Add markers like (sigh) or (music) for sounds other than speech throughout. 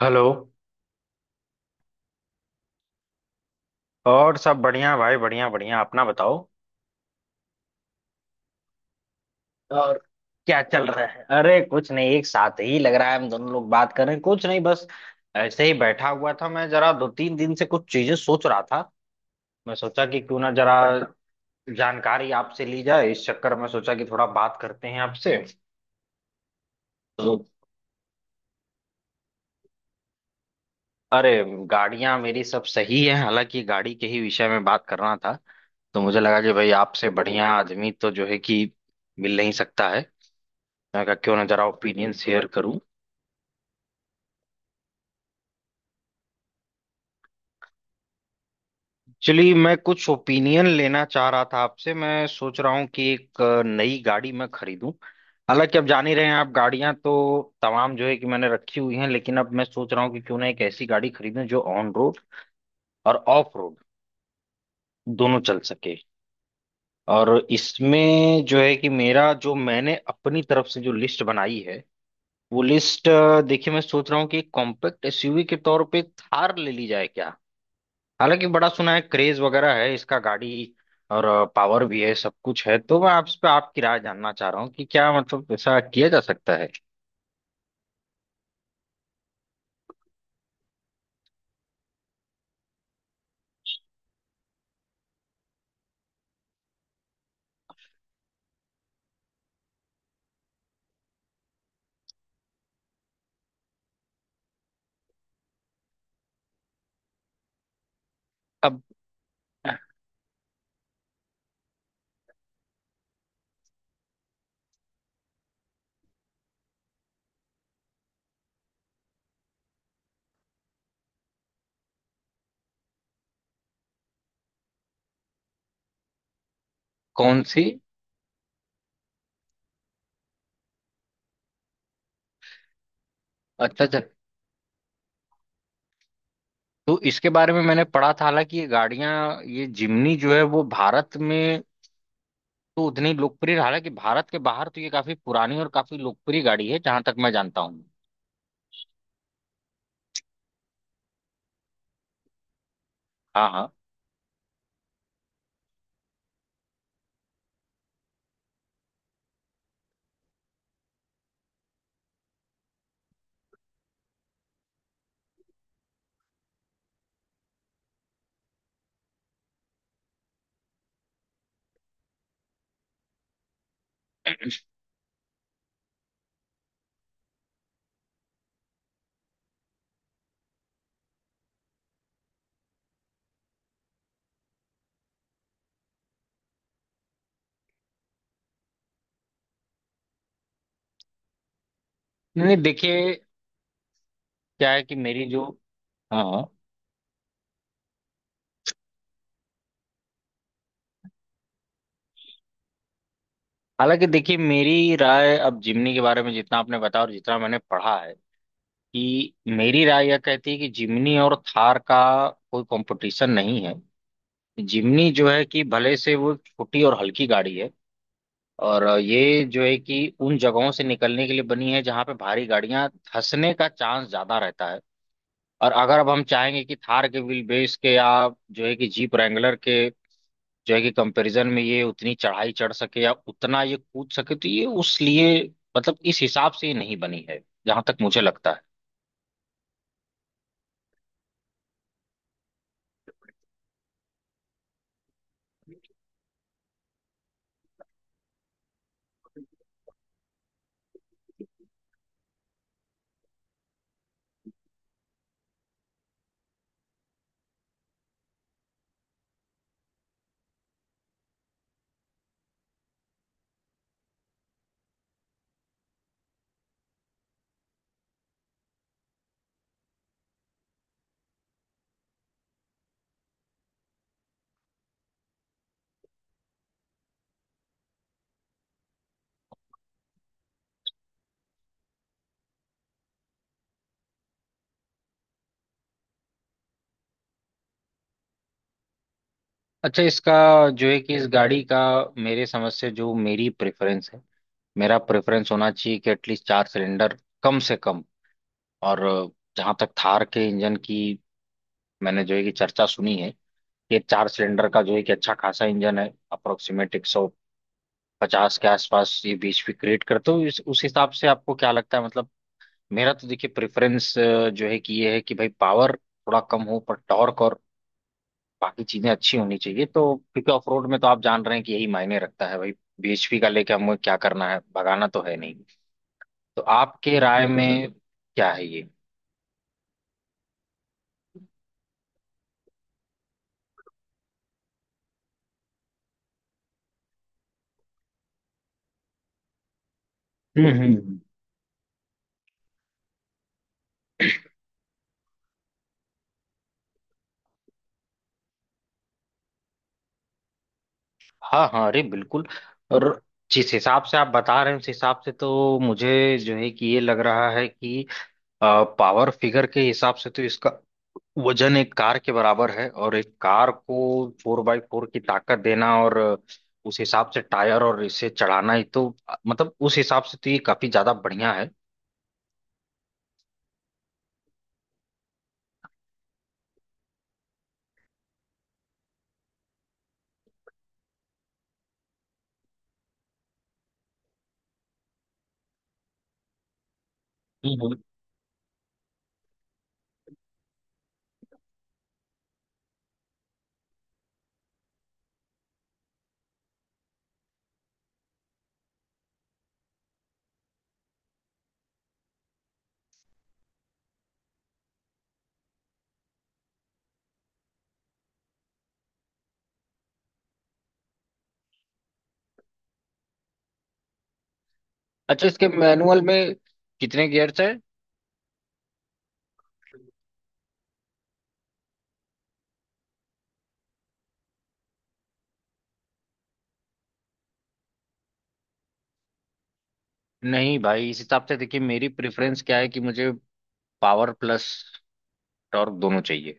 Hello. और सब बढ़िया भाई, बढ़िया बढ़िया, अपना बताओ और क्या चल रहा है। अरे कुछ नहीं, एक साथ ही लग रहा है, हम दोनों लोग बात कर रहे हैं। कुछ नहीं, बस ऐसे ही बैठा हुआ था, मैं जरा 2-3 दिन से कुछ चीजें सोच रहा था। मैं सोचा कि क्यों ना जरा जानकारी आपसे ली जाए, इस चक्कर में सोचा कि थोड़ा बात करते हैं आपसे। तो अरे गाड़ियां मेरी सब सही है, हालांकि गाड़ी के ही विषय में बात करना था। तो मुझे लगा कि भाई आपसे बढ़िया आदमी तो जो है कि मिल नहीं सकता है। मैं कहा क्यों ना जरा ओपिनियन शेयर करूं। एक्चुअली मैं कुछ ओपिनियन लेना चाह रहा था आपसे। मैं सोच रहा हूं कि एक नई गाड़ी मैं खरीदूं। हालांकि अब जान ही रहे हैं आप, गाड़ियां तो तमाम जो है कि मैंने रखी हुई हैं, लेकिन अब मैं सोच रहा हूं कि क्यों ना एक ऐसी गाड़ी खरीदूं जो ऑन रोड और ऑफ रोड दोनों चल सके। और इसमें जो है कि मेरा जो मैंने अपनी तरफ से जो लिस्ट बनाई है, वो लिस्ट, देखिए मैं सोच रहा हूँ कि कॉम्पैक्ट एसयूवी के तौर पे थार ले ली जाए क्या। हालांकि बड़ा सुना है, क्रेज वगैरह है इसका गाड़ी, और पावर भी है, सब कुछ है। तो मैं आप इस पे आपकी राय जानना चाह रहा हूँ कि क्या मतलब ऐसा किया जा सकता है। अब कौन सी। अच्छा अच्छा, तो इसके बारे में मैंने पढ़ा था। हालांकि ये गाड़ियां, ये जिमनी जो है वो भारत में तो उतनी लोकप्रिय, हालांकि भारत के बाहर तो ये काफी पुरानी और काफी लोकप्रिय गाड़ी है जहां तक मैं जानता हूँ। हाँ हाँ। (clears throat) नहीं नहीं, देखिए क्या है कि मेरी जो, हाँ हाँ। हालांकि देखिए मेरी राय अब जिमनी के बारे में जितना आपने बताया और जितना मैंने पढ़ा है कि मेरी राय यह कहती है कि जिमनी और थार का कोई कंपटीशन नहीं है। जिमनी जो है कि भले से वो छोटी और हल्की गाड़ी है, और ये जो है कि उन जगहों से निकलने के लिए बनी है जहां पे भारी गाड़ियां धंसने का चांस ज्यादा रहता है। और अगर अब हम चाहेंगे कि थार के व्हील बेस के या जो है कि जीप रैंगलर के जो है कि कंपैरिजन में ये उतनी चढ़ाई चढ़ सके या उतना ये कूद सके, तो ये उस लिए, मतलब इस हिसाब से ये नहीं बनी है, जहां तक मुझे लगता है। अच्छा, इसका जो है कि इस गाड़ी का, मेरे समझ से जो मेरी प्रेफरेंस है, मेरा प्रेफरेंस होना चाहिए कि एटलीस्ट चार सिलेंडर कम से कम। और जहां तक थार के इंजन की मैंने जो है कि चर्चा सुनी है, ये चार सिलेंडर का जो है कि अच्छा खासा इंजन है, अप्रोक्सीमेट 150 के आसपास ये बीएचपी क्रिएट करते हो उस हिसाब से आपको क्या लगता है। मतलब मेरा तो देखिए प्रेफरेंस जो है कि ये है कि भाई पावर थोड़ा कम हो पर टॉर्क और बाकी चीजें अच्छी होनी चाहिए, तो क्योंकि ऑफ रोड में तो आप जान रहे हैं कि यही मायने रखता है भाई। बीएचपी का लेके हमें क्या करना है, भगाना तो है नहीं। तो आपके राय में क्या है ये। हम्म हम्म। हाँ हाँ, अरे बिल्कुल। और जिस हिसाब से आप बता रहे हैं उस हिसाब से तो मुझे जो है कि ये लग रहा है कि पावर फिगर के हिसाब से तो इसका वजन एक कार के बराबर है, और एक कार को फोर बाई फोर की ताकत देना और उस हिसाब से टायर और इसे चढ़ाना ही, तो मतलब उस हिसाब से तो ये काफी ज्यादा बढ़िया है। हम्म। अच्छा, इसके मैनुअल में कितने गियर्स है। नहीं भाई, इस हिसाब से देखिए मेरी प्रेफरेंस क्या है कि मुझे पावर प्लस टॉर्क दोनों चाहिए।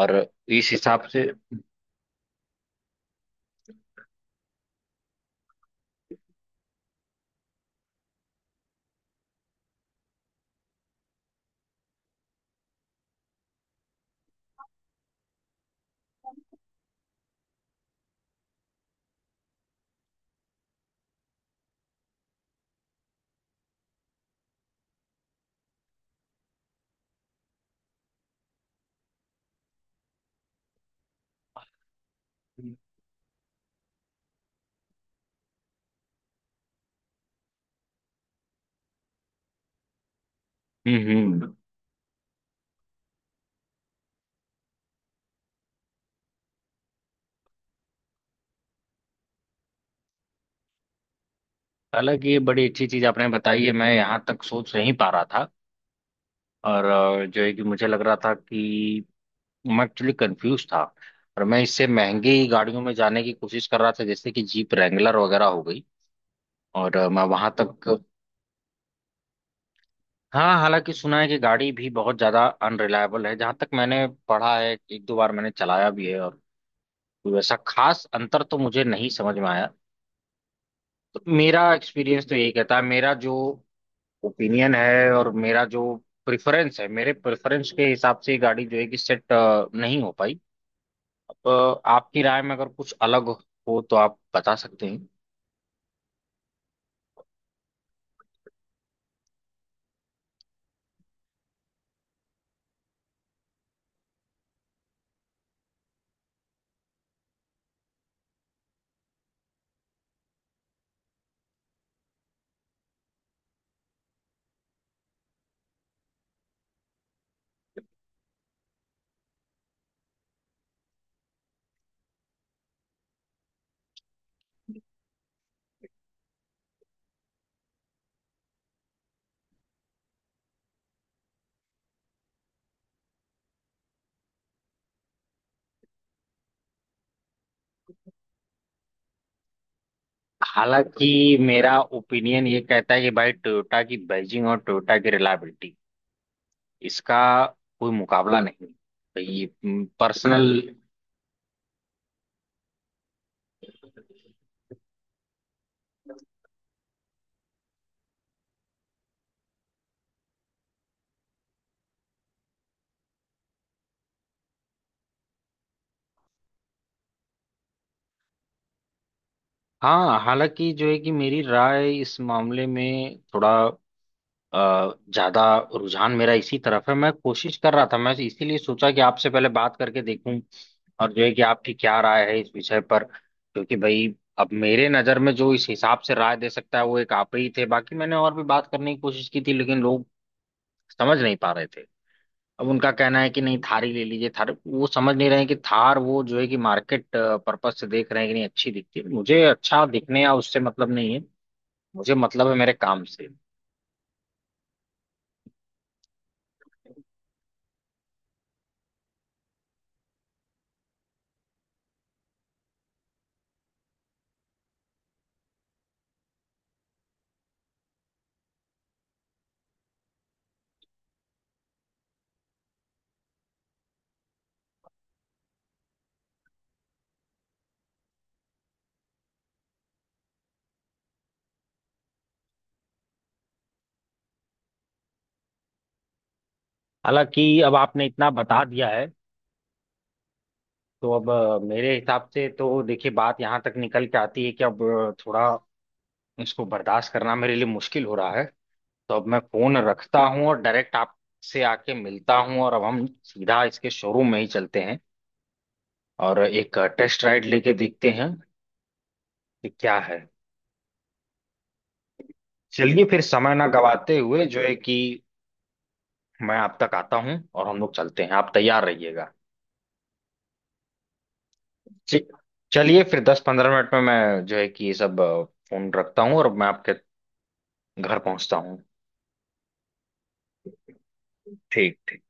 और इस हिसाब से, हम्म। हालांकि ये बड़ी अच्छी चीज आपने बताई है, मैं यहाँ तक सोच नहीं पा रहा था। और जो है कि मुझे लग रहा था कि मैं एक्चुअली कंफ्यूज था, और मैं इससे महंगी गाड़ियों में जाने की कोशिश कर रहा था जैसे कि जीप रैंगलर वगैरह हो गई। और मैं वहां तक, हाँ, हालांकि सुना है कि गाड़ी भी बहुत ज्यादा अनरिलायबल है जहां तक मैंने पढ़ा है। 1-2 बार मैंने चलाया भी है और कोई वैसा खास अंतर तो मुझे नहीं समझ में आया। तो मेरा एक्सपीरियंस तो यही कहता है, मेरा जो ओपिनियन है और मेरा जो प्रेफरेंस है, मेरे प्रेफरेंस के हिसाब से ये गाड़ी जो है कि सेट नहीं हो पाई। अब आपकी राय में अगर कुछ अलग हो तो आप बता सकते हैं। हालांकि मेरा ओपिनियन ये कहता है कि भाई टोयोटा की बैजिंग और टोयोटा की रिलायबिलिटी, इसका कोई मुकाबला नहीं। तो ये पर्सनल, हाँ, हालांकि जो है कि मेरी राय इस मामले में थोड़ा ज्यादा रुझान मेरा इसी तरफ है। मैं कोशिश कर रहा था, मैं इसीलिए सोचा कि आपसे पहले बात करके देखूं और जो है कि आपकी क्या राय है इस विषय पर, क्योंकि भाई अब मेरे नजर में जो इस हिसाब से राय दे सकता है वो एक आप ही थे। बाकी मैंने और भी बात करने की कोशिश की थी लेकिन लोग समझ नहीं पा रहे थे। अब उनका कहना है कि नहीं थारी ले लीजिए, थार, वो समझ नहीं रहे हैं कि थार वो जो है कि मार्केट पर्पज से देख रहे हैं कि नहीं अच्छी दिखती है। मुझे अच्छा दिखने या उससे मतलब नहीं है, मुझे मतलब है मेरे काम से। हालांकि अब आपने इतना बता दिया है, तो अब मेरे हिसाब से तो देखिए बात यहाँ तक निकल के आती है कि अब थोड़ा इसको बर्दाश्त करना मेरे लिए मुश्किल हो रहा है। तो अब मैं फोन रखता हूँ और डायरेक्ट आपसे आके मिलता हूँ, और अब हम सीधा इसके शोरूम में ही चलते हैं और एक टेस्ट राइड लेके देखते हैं कि क्या है। चलिए फिर समय ना गवाते हुए जो है कि मैं आप तक आता हूँ और हम लोग चलते हैं, आप तैयार रहिएगा। जी। चलिए फिर 10-15 मिनट में मैं जो है कि ये सब फोन रखता हूँ और मैं आपके घर पहुंचता हूँ। ठीक ठीक।